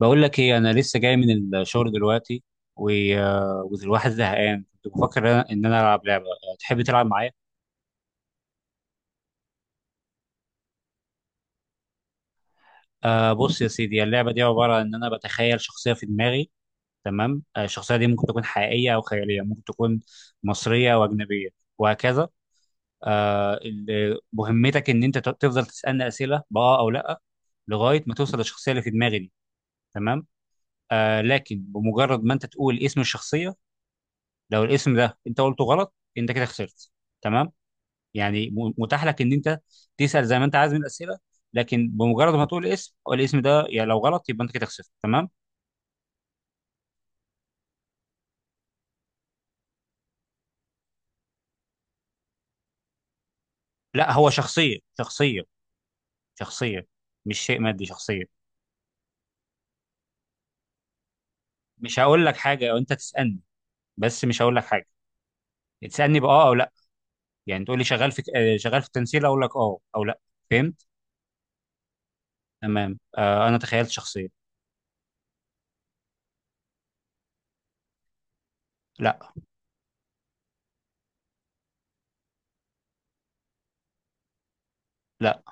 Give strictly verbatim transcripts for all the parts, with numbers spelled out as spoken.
بقول لك ايه؟ انا لسه جاي من الشغل دلوقتي. و... آه، والواحد زهقان. كنت بفكر ان انا إن انا العب لعبه. آه، تحب تلعب معايا؟ آه بص يا سيدي، اللعبه دي عباره عن ان انا بتخيل شخصيه في دماغي، تمام؟ آه، الشخصيه دي ممكن تكون حقيقيه او خياليه، ممكن تكون مصريه او اجنبيه، وهكذا. آه ال- مهمتك ان انت ت- تفضل تسالني اسئله باه او لا، لغايه ما توصل للشخصيه اللي في دماغي دي، تمام؟ آه لكن بمجرد ما انت تقول اسم الشخصيه، لو الاسم ده انت قلته غلط انت كده خسرت، تمام؟ يعني م- متاح لك ان انت تسال زي ما انت عايز من الاسئله، لكن بمجرد ما تقول اسم الاسم ده، يعني لو غلط يبقى انت كده خسرت، تمام. لا، هو شخصيه، شخصيه، شخصيه، مش شيء مادي، شخصيه. مش هقول لك حاجه، او انت تسالني، بس مش هقول لك حاجه. تسالني باه او لا. يعني تقول لي شغال في آه، شغال في التمثيل، اقول لك اه او لا. فهمت؟ تمام، آه انا تخيلت شخصيه. لا. لا،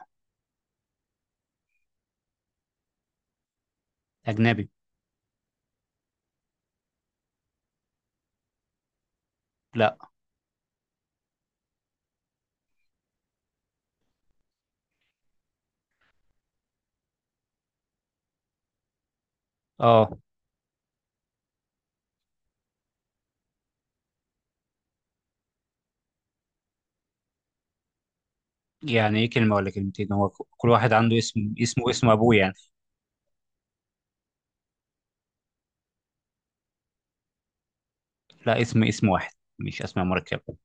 اجنبي. لا. اه. يعني ايه كلمه ولا كلمتين؟ هو ك- كل واحد عنده اسم، اسمه اسم ابوه يعني. لا، اسم اسم واحد، مش اسماء مركبه.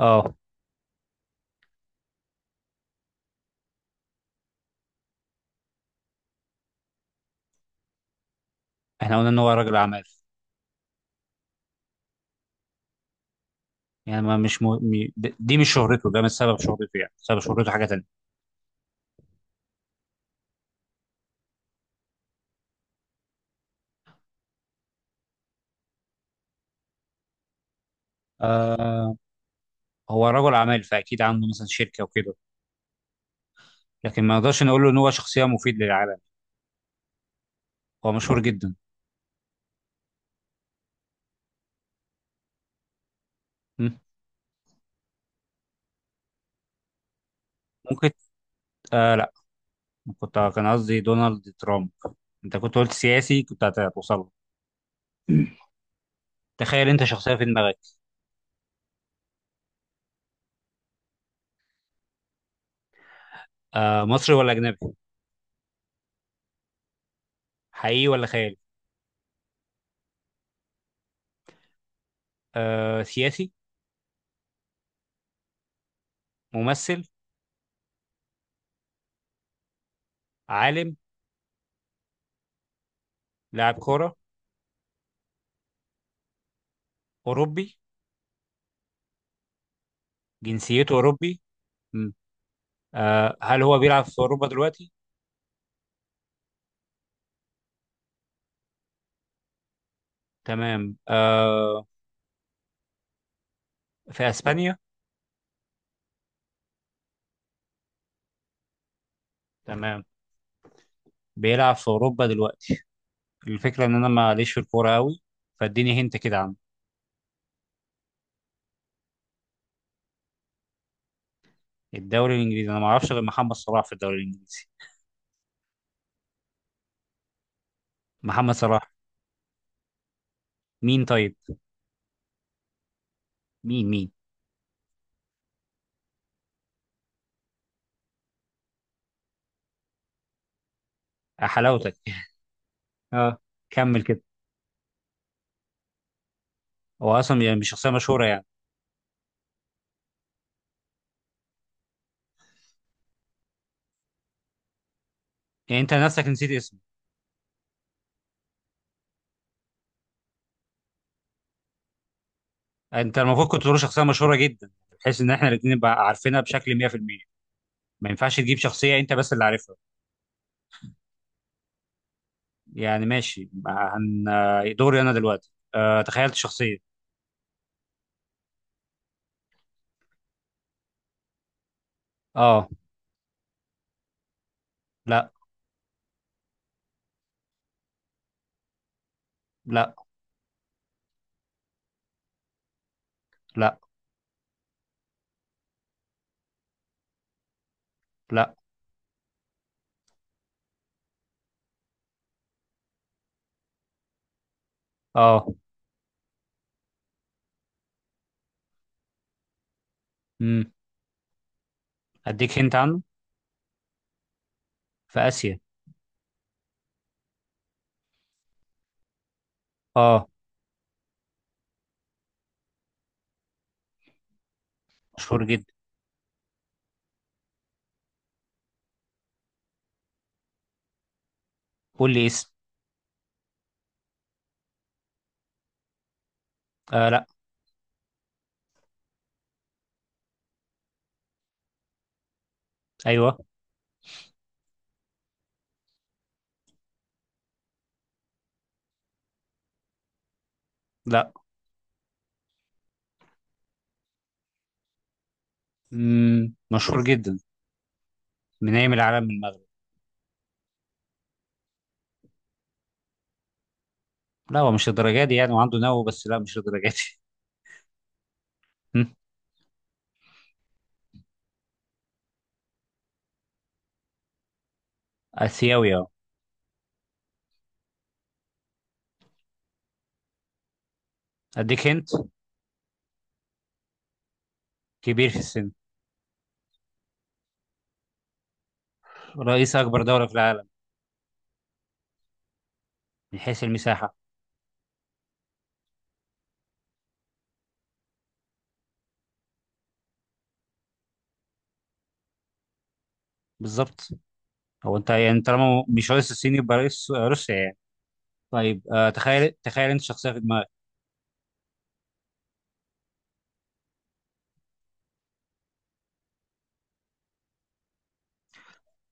اه. احنا قلنا ان هو راجل اعمال. يعني ما مش م... م... د- دي مش شهرته، ده مش سبب شهرته، يعني سبب شهرته حاجه تانية. آه هو رجل اعمال فاكيد عنده مثلا شركه وكده، لكن ما نقدرش نقول له ان هو شخصيه مفيد للعالم. هو مشهور جدا. م? ممكن. آه لا. كنت آه، كان قصدي دونالد ترامب. انت كنت قلت سياسي كنت هتوصل له. تخيل انت شخصيه في دماغك. آه مصري ولا اجنبي؟ حقيقي ولا خيالي؟ آه سياسي؟ ممثل؟ عالم؟ لاعب كوره؟ اوروبي؟ جنسيته اوروبي. آه هل هو بيلعب في أوروبا دلوقتي؟ تمام. آه في أسبانيا؟ تمام. بيلعب في أوروبا دلوقتي. الفكرة إن أنا ماليش في الكورة أوي، فاديني هنت كده عنه. الدوري الإنجليزي؟ أنا معرفش غير محمد صلاح في الدوري الإنجليزي. محمد صلاح. مين طيب؟ مين مين؟ آه، حلاوتك اه، كمل كده. هو أصلا يعني مش شخصية مشهورة يعني. يعني أنت نفسك نسيت اسمه. أنت المفروض كنت تقول شخصية مشهورة جدا، بحيث إن إحنا الاتنين نبقى عارفينها بشكل مية في المية. ما ينفعش تجيب شخصية أنت بس اللي عارفها. يعني ماشي. هن آه، دوري انا دلوقتي، آه تخيلت شخصية. اه. لا. لا. لا. لا. اه. امم اديك هنت عنه. في اسيا. اه. مشهور جدا. قول لي اسم. آه لا. ايوه. لا. امم مشهور جدا من ايام العالم من المغرب. لا، هو مش الدرجة دي يعني وعنده نو، بس لا مش الدرجة دي. هم؟ اسيوي، اه. اديك هنت. كبير في السن. رئيس اكبر دولة في العالم من حيث المساحة. بالظبط. هو انت يعني طالما مش رئيس الصين يبقى رئيس آه، روسيا يعني. طيب، آه تخيل تخيل انت شخصيه في دماغك.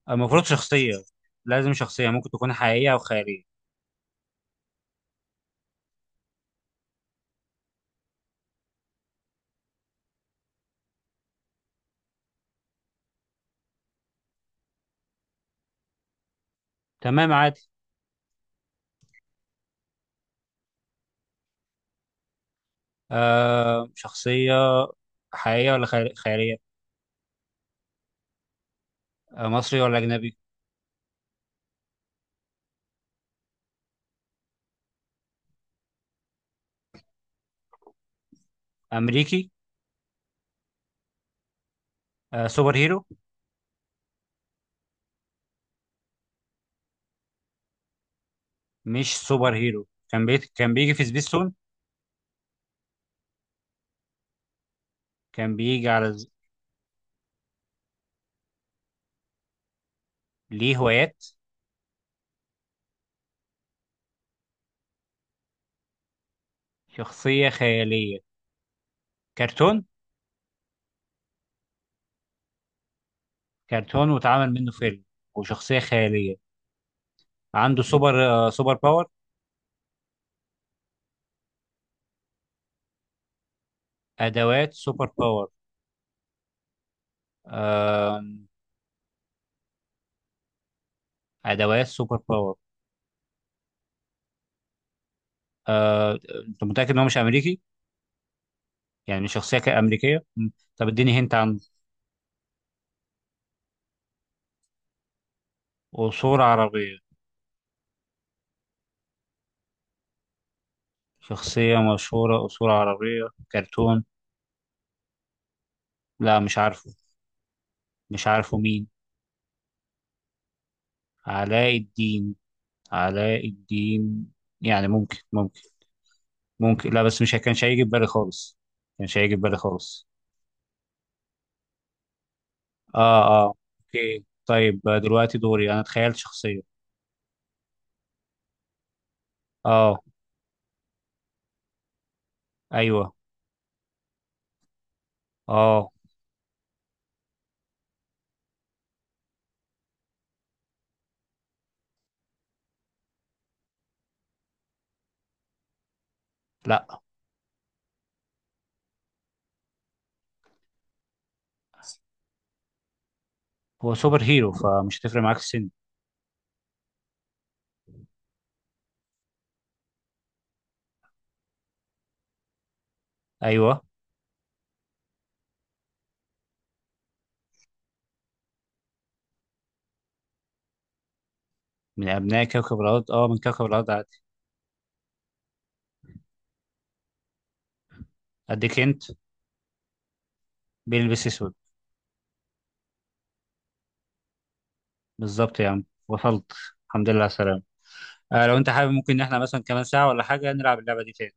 آه، المفروض شخصيه. لازم شخصيه، ممكن تكون حقيقيه او خياليه. تمام، عادي. آه شخصيه حقيقيه ولا خيال- خياليه؟ آه مصري ولا اجنبي؟ امريكي؟ آه سوبر هيرو؟ مش سوبر هيرو. كان بي... كان بيجي في سبيستون. كان بيجي على ز- ليه هوايات؟ شخصيه خياليه، كرتون. كرتون واتعمل منه فيلم، وشخصيه خياليه. عنده سوبر آه سوبر باور. ادوات سوبر باور، آه ادوات سوبر باور. آه، انت متاكد ان هو مش امريكي؟ يعني شخصيه ك- امريكيه. مم. طب اديني هنت عنه. قصور عربيه. شخصيه مشهوره، قصور عربيه، كرتون. لا، مش عارفه. مش عارفه مين. علاء الدين. علاء الدين. يعني ممكن، ممكن. ممكن، لا، بس مش كانش هيجي في بالي خالص. كانش هيجي في بالي خالص. اه، اه. اوكي. طيب، آه، دلوقتي دوري انا تخيلت شخصيه. اه. ايوه. اه. لا، هو سوبر هيرو فمش هتفرق معاك السن. ايوه. من أبناء كوكب الأرض. أه، من كوكب الأرض عادي. أديك أنت. بيلبس أسود. بالظبط يا عم، وصلت. الحمد لله على السلامة. آه لو أنت حابب ممكن إن إحنا مثلا كمان ساعة ولا حاجة نلعب اللعبة دي تاني.